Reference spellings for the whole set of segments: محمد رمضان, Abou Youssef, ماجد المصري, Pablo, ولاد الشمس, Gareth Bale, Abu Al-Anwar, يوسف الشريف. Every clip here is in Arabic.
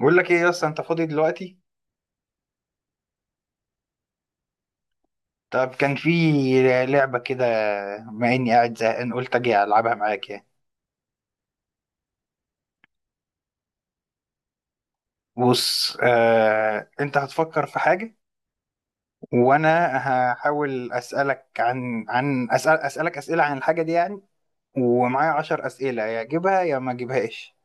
بقول لك ايه يا اسطى، انت فاضي دلوقتي؟ طب كان في لعبه كده. بما اني قاعد زهقان، قلت اجي العبها معاك يعني. بص. انت هتفكر في حاجه، وانا هحاول اسالك اسئله عن الحاجه دي يعني. ومعايا 10 اسئله، يا اجيبها يا ما اجيبهاش.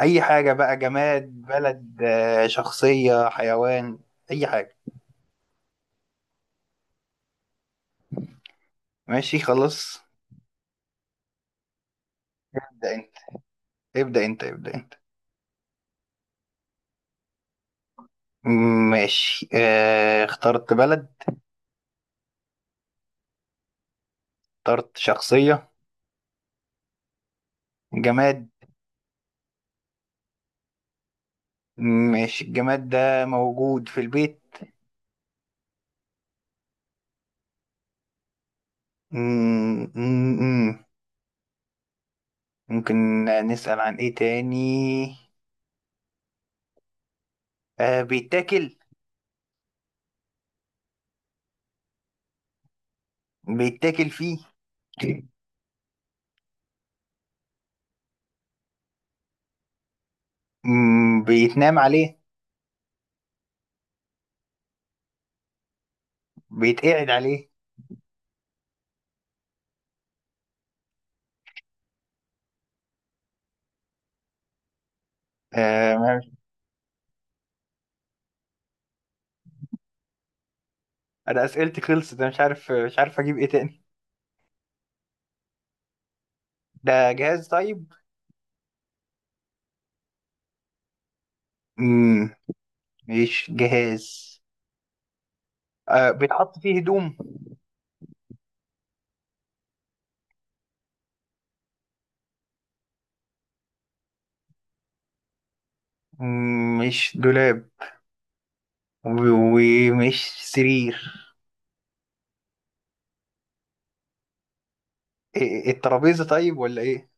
اي حاجه بقى، جماد، بلد، شخصيه، حيوان، اي حاجه. ماشي، خلاص. ابدا انت، ابدا انت، ابدا انت. ماشي. اخترت بلد؟ اخترت شخصية؟ جماد؟ ماشي. الجماد ده موجود في البيت؟ مم، مم، مم. ممكن نسأل عن ايه تاني. بيتاكل؟ بيتاكل فيه؟ بيتنام عليه؟ بيتقعد عليه؟ آه ما- انا اسئلتي خلصت، انا مش عارف اجيب ايه تاني. ده جهاز طيب؟ مم، مش جهاز. بيتحط فيه هدوم؟ مش دولاب. و- ومش سرير. إيه الترابيزة طيب ولا ايه؟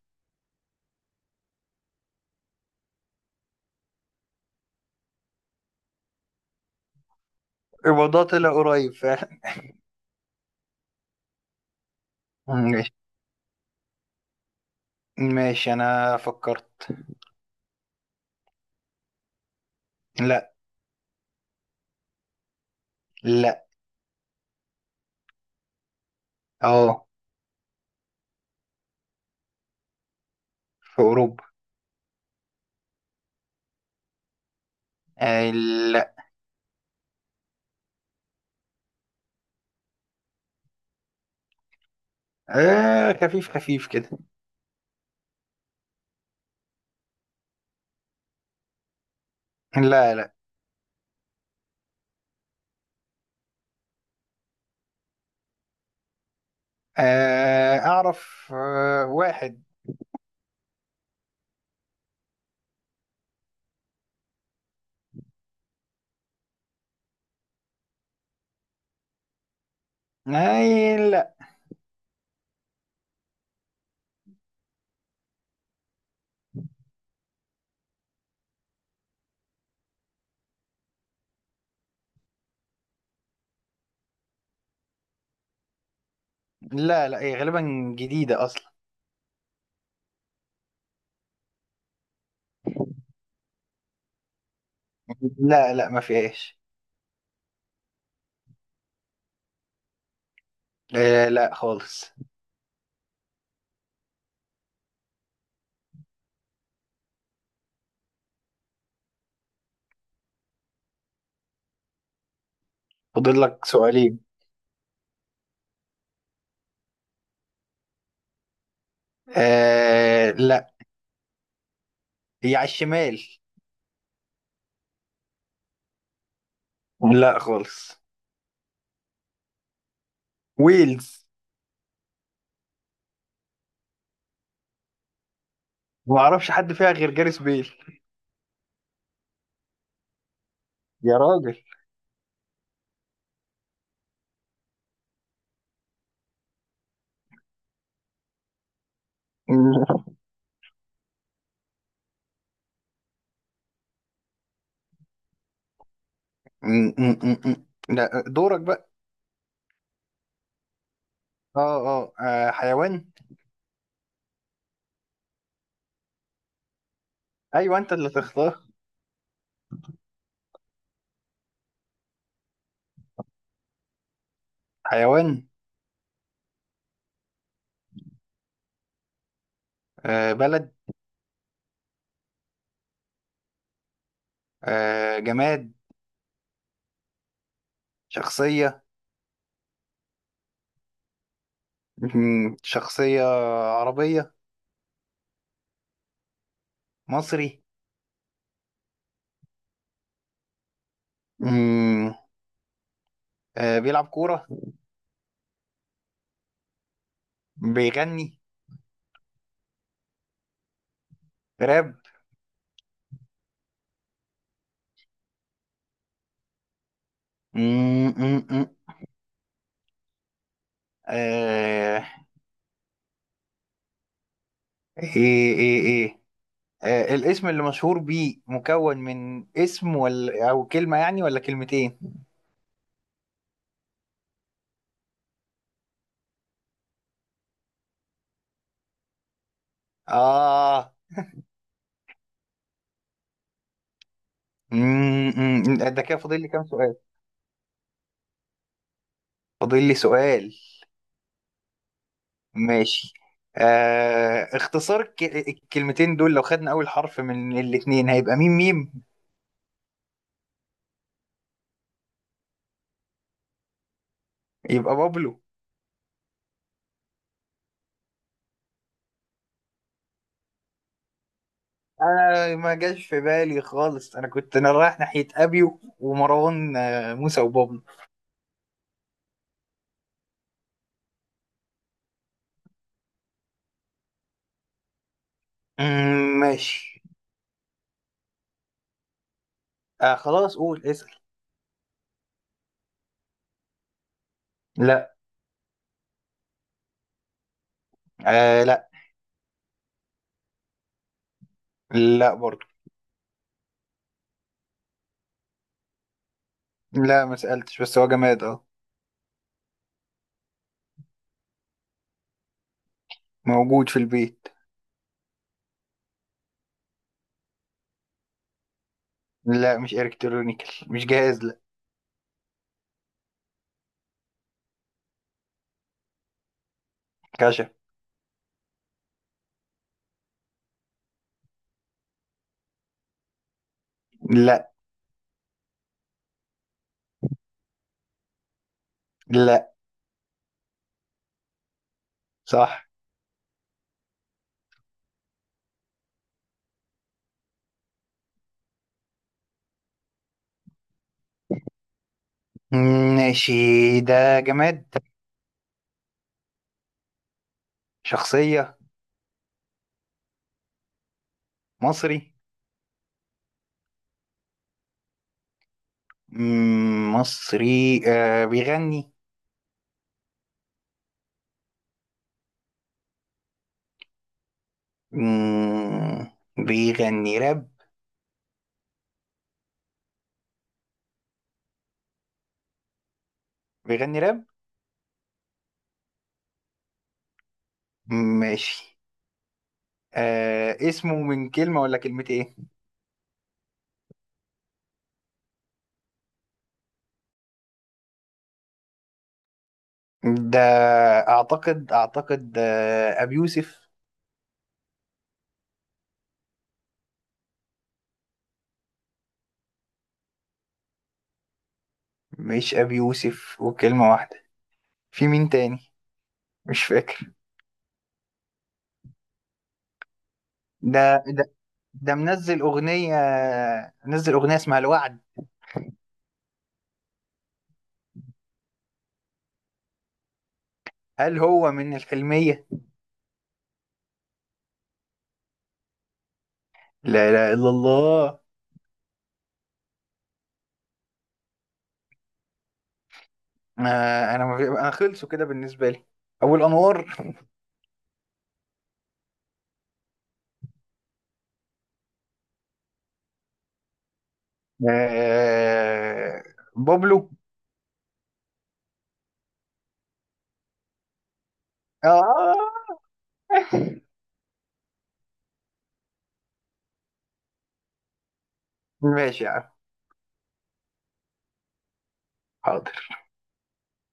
الموضوع طلع قريب فعلا. ماشي، ماشي. انا فكرت. لا. لا. اه. في اوروبا. آه لا. خفيف خفيف كده. لا، لا. اعرف، واحد. لا. لا، لا. هي غالبا جديدة اصلا. لا، لا، ما فيهاش. لا خالص. فاضل لك سؤالين. لا. هي على الشمال. لا خالص. ويلز. ما اعرفش حد فيها غير جاريس بيل. يا راجل. م- م- م- م. لا، دورك بقى. اه، اه. حيوان؟ ايوه انت اللي تختار. حيوان؟ بلد؟ جماد؟ شخصية؟ شخصية عربية؟ مصري؟ م- بيلعب كورة؟ بيغني راب؟ م- م- م. آه ايه، ايه، ايه. الاسم اللي مشهور بيه مكون من اسم ولا كلمة يعني ولا كلمتين؟ اه. أمم، ده كده فاضل لي كام سؤال؟ فاضل لي سؤال. ماشي. اختصار الكلمتين دول، لو خدنا اول حرف من الاتنين، هيبقى MM. يبقى بابلو. انا ما جاش في بالي خالص، انا رايح ناحية ابيو ومروان، موسى وبابلو. ماشي. خلاص قول اسأل. لا. لا. لا برضو. لا، ما سألتش، بس هو جماد، اه. موجود في البيت. لا، مش الكترونيكال، مش جهاز، لا. كشف. لا، لا. صح. ماشي. ده جماد؟ شخصية؟ مصري؟ مصري. بيغني؟ مم، بيغني راب؟ بيغني راب؟ ماشي. اسمه من كلمة ولا كلمة، ايه؟ ده اعتقد، اعتقد ابي يوسف. مش ابي يوسف، وكلمة واحدة. في مين تاني؟ مش فاكر. ده ده ده منزل اغنية. منزل اغنية اسمها الوعد. هل هو من الحلمية؟ لا إله إلا الله. آه أنا ما في- أنا خلصوا كده بالنسبة لي. أبو الأنوار. آه بابلو. آه ماشي يا عم. حاضر.